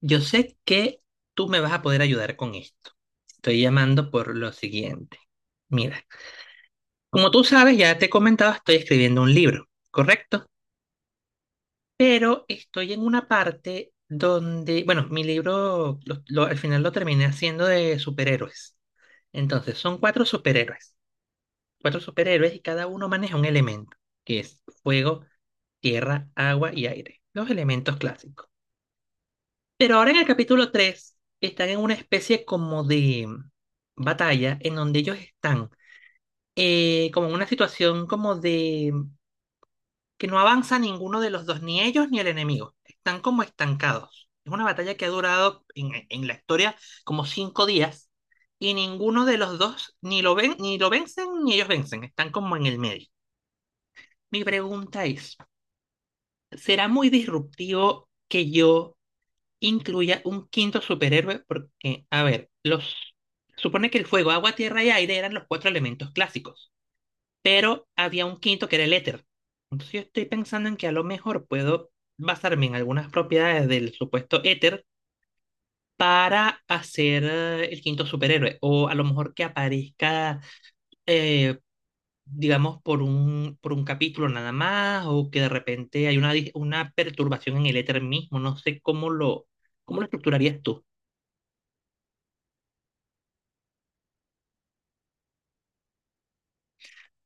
Yo sé que tú me vas a poder ayudar con esto. Estoy llamando por lo siguiente. Mira, como tú sabes, ya te he comentado, estoy escribiendo un libro, ¿correcto? Pero estoy en una parte donde, bueno, mi libro al final lo terminé haciendo de superhéroes. Entonces, son cuatro superhéroes y cada uno maneja un elemento, que es fuego, tierra, agua y aire, los elementos clásicos. Pero ahora en el capítulo 3 están en una especie como de batalla en donde ellos están como en una situación como de que no avanza ninguno de los dos, ni ellos ni el enemigo. Están como estancados. Es una batalla que ha durado en la historia como 5 días y ninguno de los dos ni lo ven, ni lo vencen ni ellos vencen. Están como en el medio. Mi pregunta es, ¿será muy disruptivo que yo incluya un quinto superhéroe? Porque, a ver, los supone que el fuego, agua, tierra y aire eran los cuatro elementos clásicos, pero había un quinto que era el éter. Entonces yo estoy pensando en que a lo mejor puedo basarme en algunas propiedades del supuesto éter para hacer el quinto superhéroe, o a lo mejor que aparezca, eh, digamos, por un capítulo nada más, o que de repente hay una, una perturbación en el éter mismo, no sé cómo lo estructurarías tú.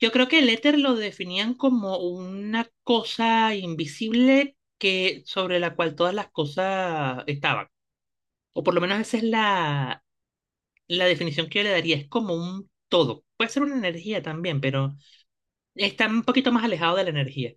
Yo creo que el éter lo definían como una cosa invisible que, sobre la cual todas las cosas estaban. O por lo menos esa es la definición que yo le daría. Es como un todo. Puede ser una energía también, pero está un poquito más alejado de la energía.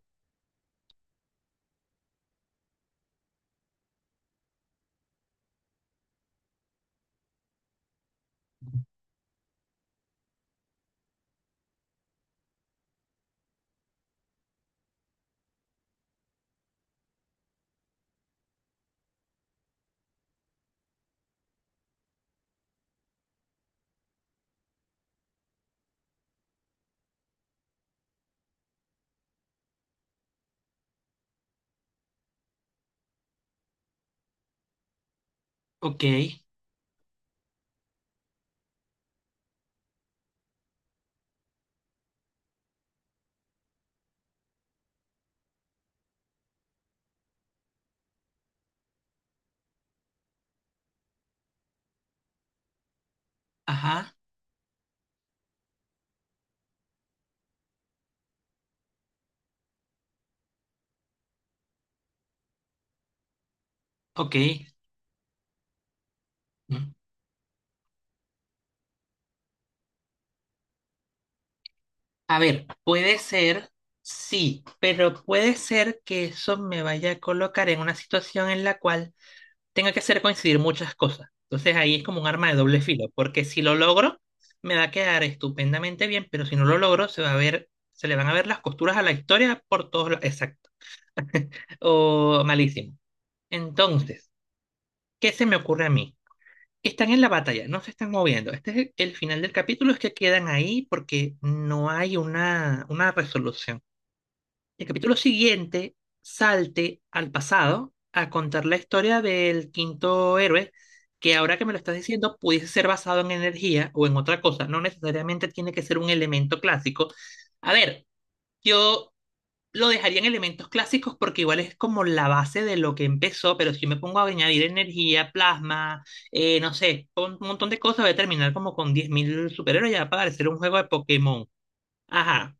Ok, ajá, ok. Mm. A ver, puede ser, sí, pero puede ser que eso me vaya a colocar en una situación en la cual tenga que hacer coincidir muchas cosas. Entonces ahí es como un arma de doble filo, porque si lo logro, me va a quedar estupendamente bien, pero si no lo logro, se va a ver, se le van a ver las costuras a la historia por todos lados. Exacto. O malísimo. Entonces, ¿qué se me ocurre a mí? Están en la batalla, no se están moviendo. Este es el final del capítulo, es que quedan ahí porque no hay una resolución. El capítulo siguiente salte al pasado a contar la historia del quinto héroe, que ahora que me lo estás diciendo pudiese ser basado en energía o en otra cosa, no necesariamente tiene que ser un elemento clásico. A ver, yo lo dejaría en elementos clásicos porque igual es como la base de lo que empezó, pero si yo me pongo a añadir energía, plasma, no sé, un montón de cosas, voy a terminar como con 10.000 superhéroes, ya va a parecer un juego de Pokémon. Ajá.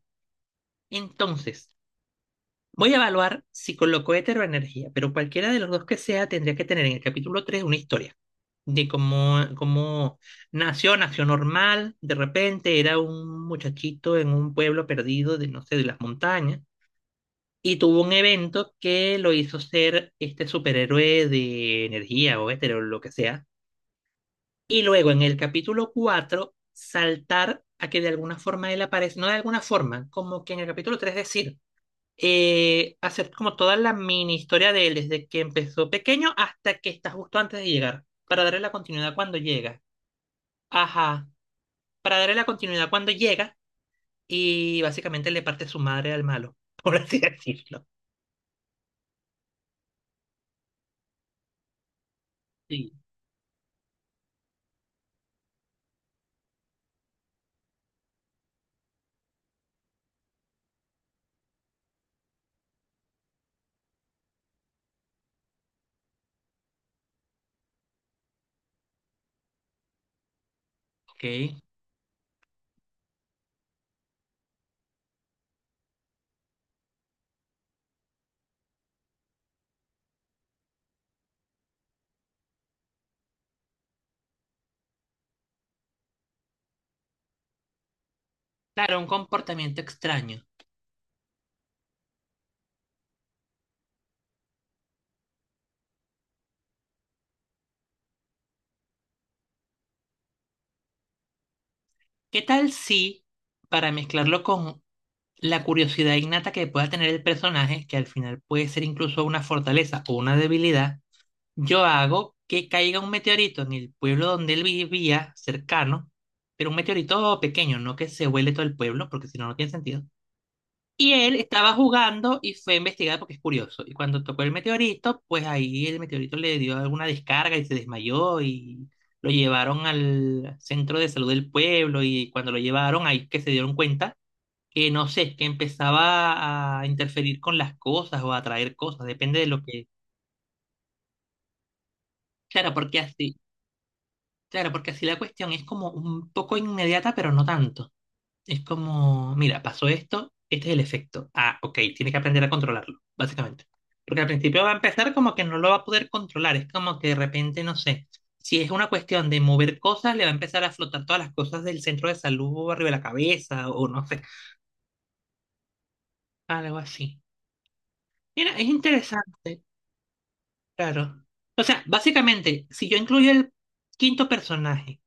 Entonces, voy a evaluar si coloco éter energía, pero cualquiera de los dos que sea tendría que tener en el capítulo 3 una historia de cómo nació, nació normal, de repente era un muchachito en un pueblo perdido de, no sé, de las montañas, y tuvo un evento que lo hizo ser este superhéroe de energía o éter lo que sea, y luego en el capítulo 4 saltar a que de alguna forma él aparece, no de alguna forma, como que en el capítulo 3 decir, hacer como toda la mini historia de él, desde que empezó pequeño hasta que está justo antes de llegar, para darle la continuidad cuando llega. Ajá, para darle la continuidad cuando llega y básicamente le parte su madre al malo, por así decirlo. Sí. Ok. Claro, un comportamiento extraño. ¿Qué tal si, para mezclarlo con la curiosidad innata que pueda tener el personaje, que al final puede ser incluso una fortaleza o una debilidad, yo hago que caiga un meteorito en el pueblo donde él vivía, cercano, pero un meteorito pequeño, no que se vuele todo el pueblo, porque si no, no tiene sentido? Y él estaba jugando y fue a investigar porque es curioso. Y cuando tocó el meteorito, pues ahí el meteorito le dio alguna descarga y se desmayó y lo llevaron al centro de salud del pueblo y cuando lo llevaron ahí que se dieron cuenta que no sé, que empezaba a interferir con las cosas o a traer cosas, depende de lo que... Claro, porque así claro, porque así la cuestión es como un poco inmediata, pero no tanto. Es como, mira, pasó esto, este es el efecto. Ah, ok, tiene que aprender a controlarlo, básicamente. Porque al principio va a empezar como que no lo va a poder controlar. Es como que de repente, no sé, si es una cuestión de mover cosas, le va a empezar a flotar todas las cosas del centro de salud arriba de la cabeza o no sé, algo así. Mira, es interesante, claro. O sea, básicamente, si yo incluyo el quinto personaje,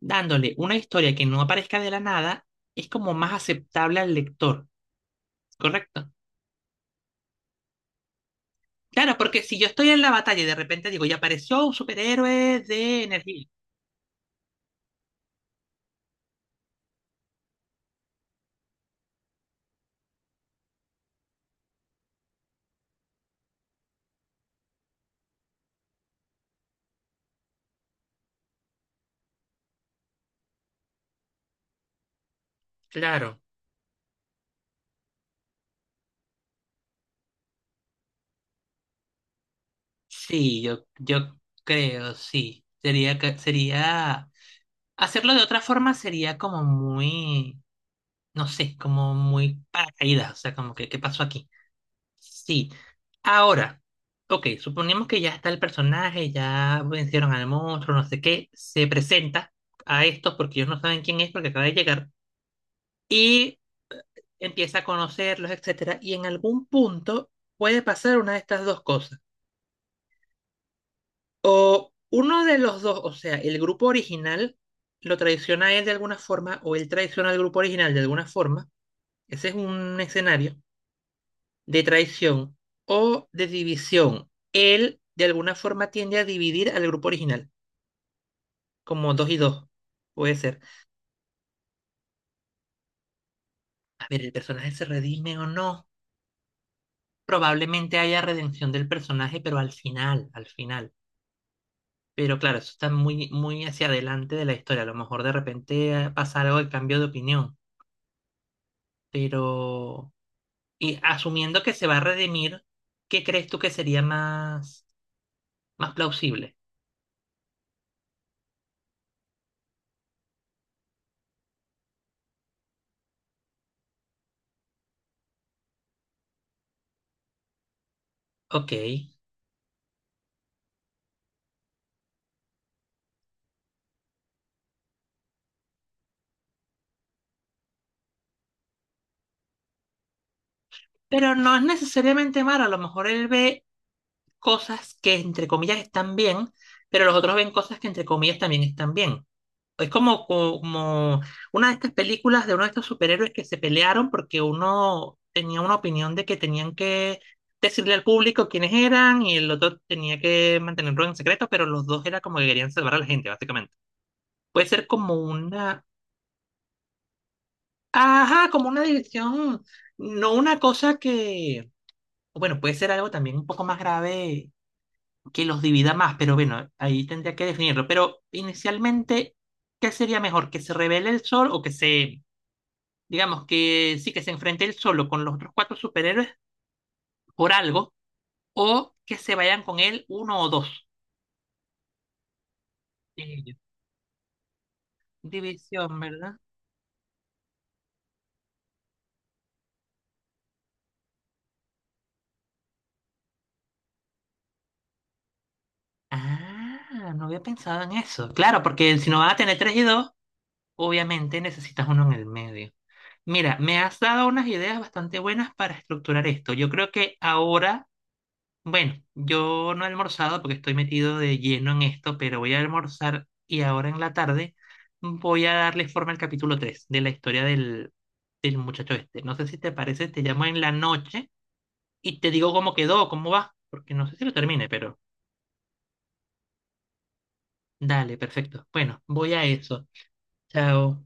dándole una historia que no aparezca de la nada, es como más aceptable al lector, ¿correcto? Claro, porque si yo estoy en la batalla y de repente digo, ya apareció un superhéroe de energía. Claro, sí, yo creo, sí. Sería, sería, hacerlo de otra forma sería como muy, no sé, como muy paracaídas, o sea, como que, ¿qué pasó aquí? Sí. Ahora, ok, suponemos que ya está el personaje, ya vencieron al monstruo, no sé qué, se presenta a estos porque ellos no saben quién es porque acaba de llegar y empieza a conocerlos, etcétera, y en algún punto puede pasar una de estas dos cosas. O uno de los dos, o sea, el grupo original lo traiciona a él de alguna forma o él traiciona al grupo original de alguna forma. Ese es un escenario de traición o de división. Él de alguna forma tiende a dividir al grupo original, como dos y dos. Puede ser. A ver, ¿el personaje se redime o no? Probablemente haya redención del personaje, pero al final, al final. Pero claro, eso está muy, muy hacia adelante de la historia. A lo mejor de repente pasa algo de cambio de opinión. Pero. Y asumiendo que se va a redimir, ¿qué crees tú que sería más, más plausible? Ok. Pero no es necesariamente malo. A lo mejor él ve cosas que entre comillas están bien, pero los otros ven cosas que entre comillas también están bien. Es como, como una de estas películas de uno de estos superhéroes que se pelearon porque uno tenía una opinión de que tenían que decirle al público quiénes eran y el otro tenía que mantenerlo en secreto, pero los dos era como que querían salvar a la gente, básicamente. Puede ser como una, ajá, como una división, no una cosa que, bueno, puede ser algo también un poco más grave que los divida más, pero bueno, ahí tendría que definirlo. Pero inicialmente, ¿qué sería mejor? ¿Que se revele el sol o que se, digamos, que sí, que se enfrente él solo con los otros cuatro superhéroes por algo o que se vayan con él uno o dos? Eh, División, ¿verdad? Ah, no había pensado en eso. Claro, porque si no van a tener tres y dos, obviamente necesitas uno en el medio. Mira, me has dado unas ideas bastante buenas para estructurar esto. Yo creo que ahora bueno, yo no he almorzado porque estoy metido de lleno en esto, pero voy a almorzar y ahora en la tarde voy a darle forma al capítulo 3 de la historia del muchacho este. No sé si te parece, te llamo en la noche y te digo cómo quedó, cómo va, porque no sé si lo termine, pero dale, perfecto. Bueno, voy a eso. Chao.